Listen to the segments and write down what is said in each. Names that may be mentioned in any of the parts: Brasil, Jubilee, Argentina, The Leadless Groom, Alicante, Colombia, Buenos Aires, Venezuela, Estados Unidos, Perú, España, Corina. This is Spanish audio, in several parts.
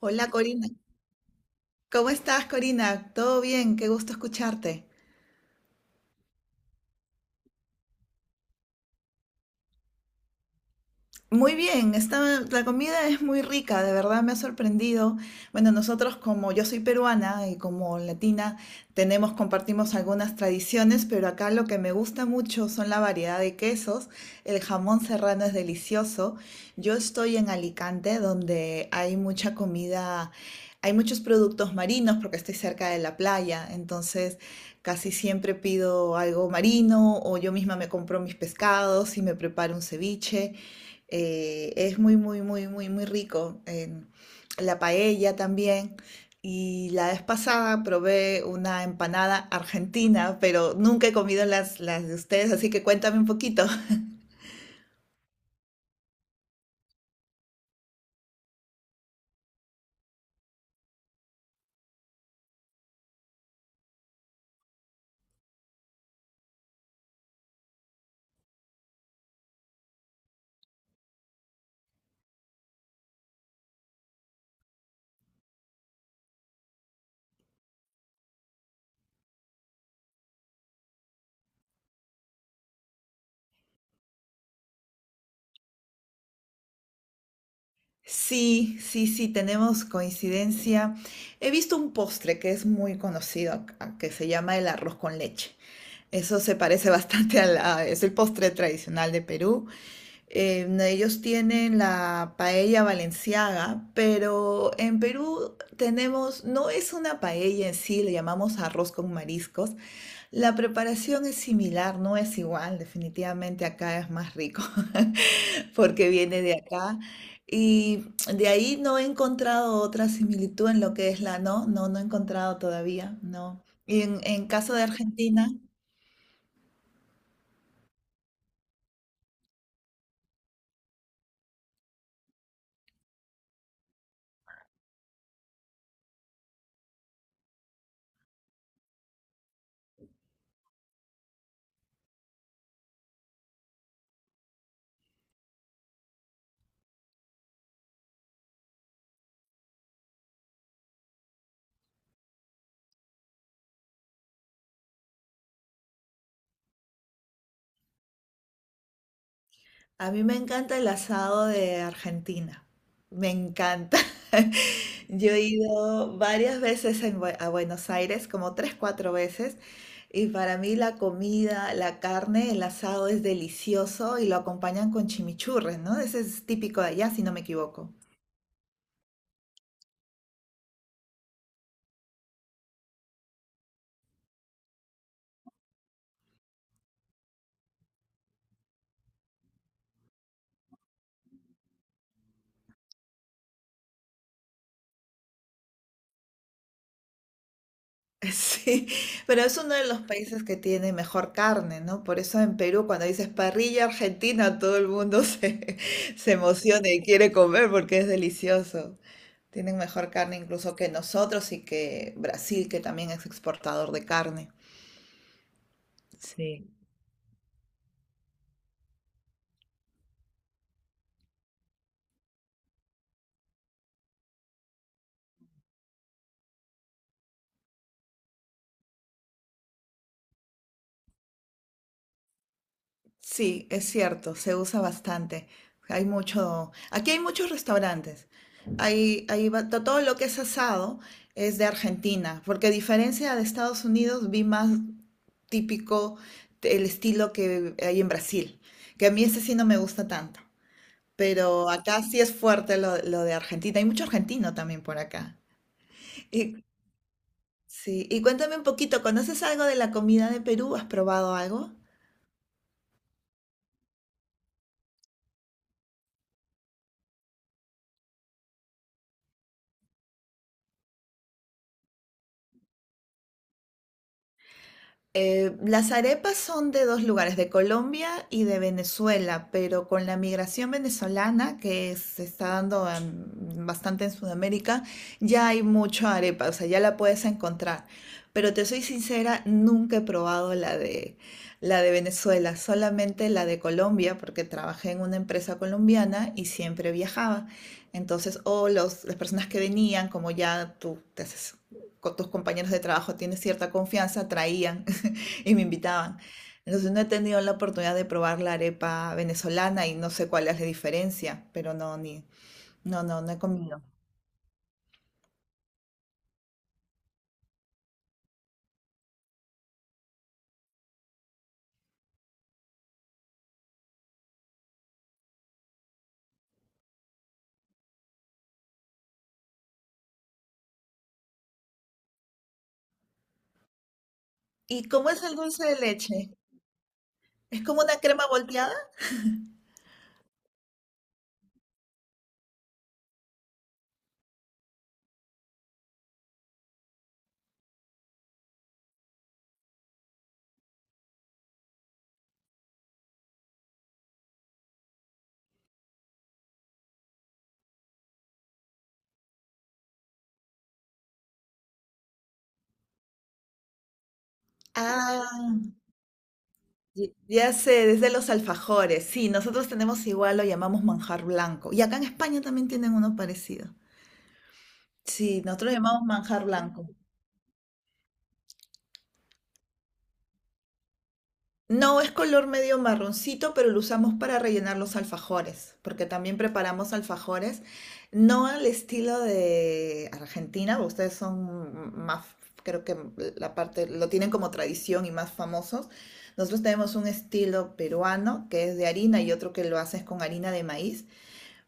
Hola Corina, ¿cómo estás Corina? ¿Todo bien? Qué gusto escucharte. Muy bien, la comida es muy rica, de verdad me ha sorprendido. Bueno, nosotros como yo soy peruana y como latina compartimos algunas tradiciones, pero acá lo que me gusta mucho son la variedad de quesos. El jamón serrano es delicioso. Yo estoy en Alicante, donde hay mucha comida, hay muchos productos marinos porque estoy cerca de la playa, entonces casi siempre pido algo marino o yo misma me compro mis pescados y me preparo un ceviche. Es muy, muy, muy, muy, muy rico. En la paella también. Y la vez pasada probé una empanada argentina, pero nunca he comido las de ustedes, así que cuéntame un poquito. Sí, sí, sí, tenemos coincidencia. He visto un postre que es muy conocido acá, que se llama el arroz con leche. Eso se parece bastante es el postre tradicional de Perú. Ellos tienen la paella valenciaga, pero en Perú tenemos, no es una paella en sí, le llamamos arroz con mariscos, la preparación es similar, no es igual, definitivamente acá es más rico, porque viene de acá. Y de ahí no he encontrado otra similitud en lo que es la, no, no, no he encontrado todavía, no. Y en caso de Argentina, a mí me encanta el asado de Argentina. Me encanta. Yo he ido varias veces a Buenos Aires, como tres, cuatro veces, y para mí la comida, la carne, el asado es delicioso y lo acompañan con chimichurri, ¿no? Ese es típico de allá, si no me equivoco. Sí, pero es uno de los países que tiene mejor carne, ¿no? Por eso en Perú, cuando dices parrilla argentina, todo el mundo se, se emociona y quiere comer porque es delicioso. Tienen mejor carne incluso que nosotros y que Brasil, que también es exportador de carne. Sí. Sí, es cierto, se usa bastante. Hay mucho, aquí hay muchos restaurantes. Hay todo lo que es asado es de Argentina, porque a diferencia de Estados Unidos, vi más típico el estilo que hay en Brasil, que a mí ese sí no me gusta tanto. Pero acá sí es fuerte lo de Argentina. Hay mucho argentino también por acá. ¿Y Sí, y cuéntame un poquito, ¿conoces algo de la comida de Perú? ¿Has probado algo? Las arepas son de dos lugares, de Colombia y de Venezuela, pero con la migración venezolana que se está dando bastante en Sudamérica, ya hay mucho arepa, o sea, ya la puedes encontrar. Pero te soy sincera, nunca he probado la de Venezuela, solamente la de Colombia, porque trabajé en una empresa colombiana y siempre viajaba. Entonces, las personas que venían, como ya tú te haces con tus compañeros de trabajo tienes cierta confianza, traían. Y me invitaban. Entonces no he tenido la oportunidad de probar la arepa venezolana y no sé cuál es la diferencia, pero no, ni, no, no, no he comido. ¿Y cómo es el dulce de leche? ¿Es como una crema volteada? Ah, ya sé, desde los alfajores. Sí, nosotros tenemos igual, lo llamamos manjar blanco. Y acá en España también tienen uno parecido. Sí, nosotros lo llamamos manjar blanco. No, es color medio marroncito, pero lo usamos para rellenar los alfajores, porque también preparamos alfajores, no al estilo de Argentina, ustedes son más, creo que la parte, lo tienen como tradición y más famosos. Nosotros tenemos un estilo peruano que es de harina y otro que lo haces con harina de maíz.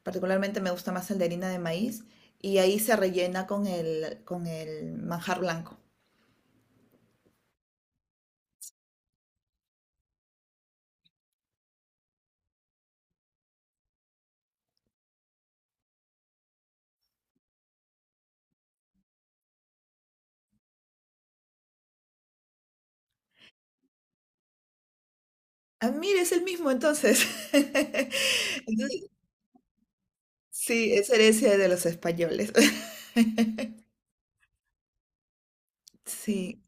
Particularmente me gusta más el de harina de maíz y ahí se rellena con el manjar blanco. Ah, mire, es el mismo entonces. Entonces, sí, es herencia de los españoles. Sí.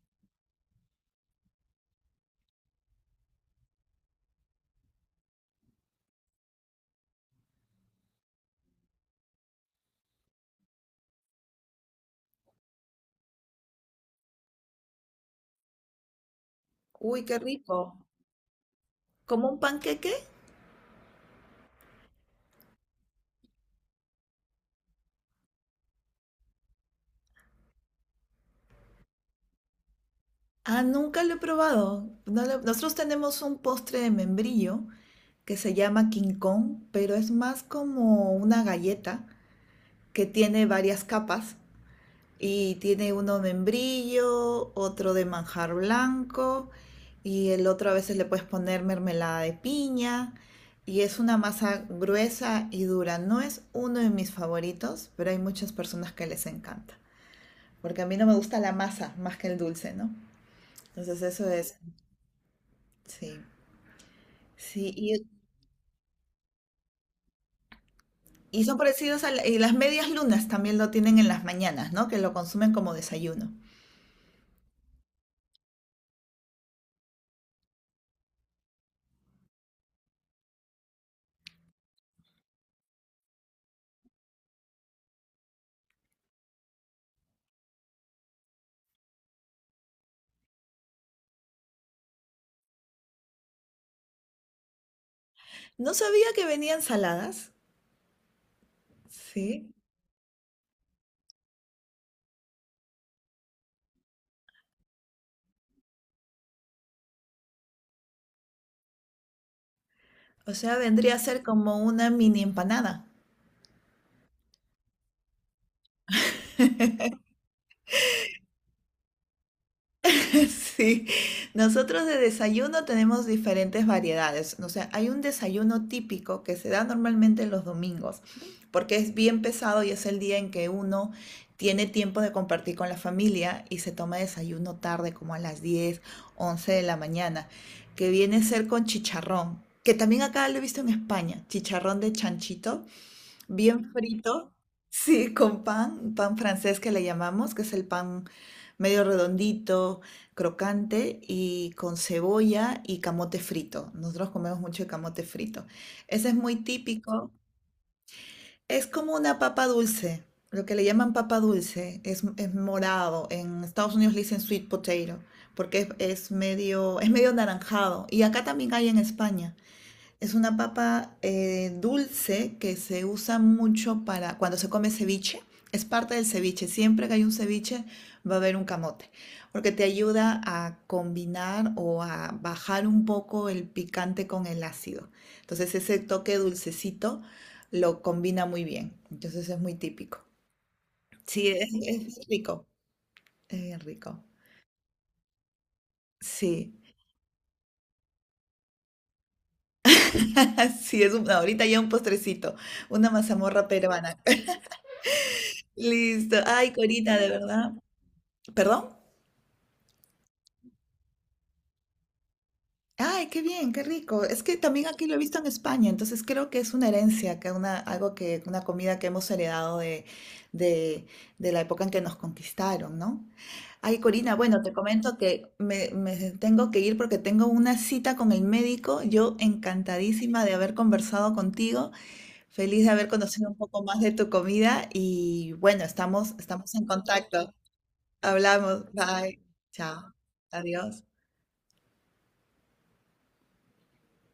Uy, qué rico. ¿Como un panqueque? Ah, nunca lo he probado. No lo- Nosotros tenemos un postre de membrillo que se llama King Kong, pero es más como una galleta que tiene varias capas. Y tiene uno de membrillo, otro de manjar blanco y el otro a veces le puedes poner mermelada de piña. Y es una masa gruesa y dura. No es uno de mis favoritos, pero hay muchas personas que les encanta. Porque a mí no me gusta la masa más que el dulce, ¿no? Entonces eso es, sí. Sí, y son parecidos y las medias lunas también lo tienen en las mañanas, ¿no? Que lo consumen como desayuno. No sabía que venían saladas. Sí. O sea, vendría a ser como una mini empanada. Sí, nosotros de desayuno tenemos diferentes variedades. O sea, hay un desayuno típico que se da normalmente los domingos, porque es bien pesado y es el día en que uno tiene tiempo de compartir con la familia y se toma desayuno tarde, como a las 10, 11 de la mañana, que viene a ser con chicharrón, que también acá lo he visto en España, chicharrón de chanchito bien frito, sí, con pan, pan francés que le llamamos, que es el pan medio redondito, crocante y con cebolla y camote frito. Nosotros comemos mucho el camote frito. Ese es muy típico. Es como una papa dulce, lo que le llaman papa dulce, es morado. En Estados Unidos le dicen sweet potato porque es medio anaranjado. Y acá también hay en España. Es una papa dulce que se usa mucho para cuando se come ceviche. Es parte del ceviche. Siempre que hay un ceviche va a haber un camote, porque te ayuda a combinar o a bajar un poco el picante con el ácido. Entonces ese toque dulcecito lo combina muy bien. Entonces es muy típico. Sí, es rico. Es bien rico. Sí, sí, ahorita ya un postrecito, una mazamorra peruana. Listo. Ay, Corina, de verdad. ¿Perdón? Ay, qué bien, qué rico. Es que también aquí lo he visto en España, entonces creo que es una herencia, que una, algo que, una comida que hemos heredado de, de la época en que nos conquistaron, ¿no? Ay, Corina, bueno, te comento que me tengo que ir porque tengo una cita con el médico. Yo encantadísima de haber conversado contigo, feliz de haber conocido un poco más de tu comida y bueno, estamos en contacto. Hablamos, bye, chao, adiós.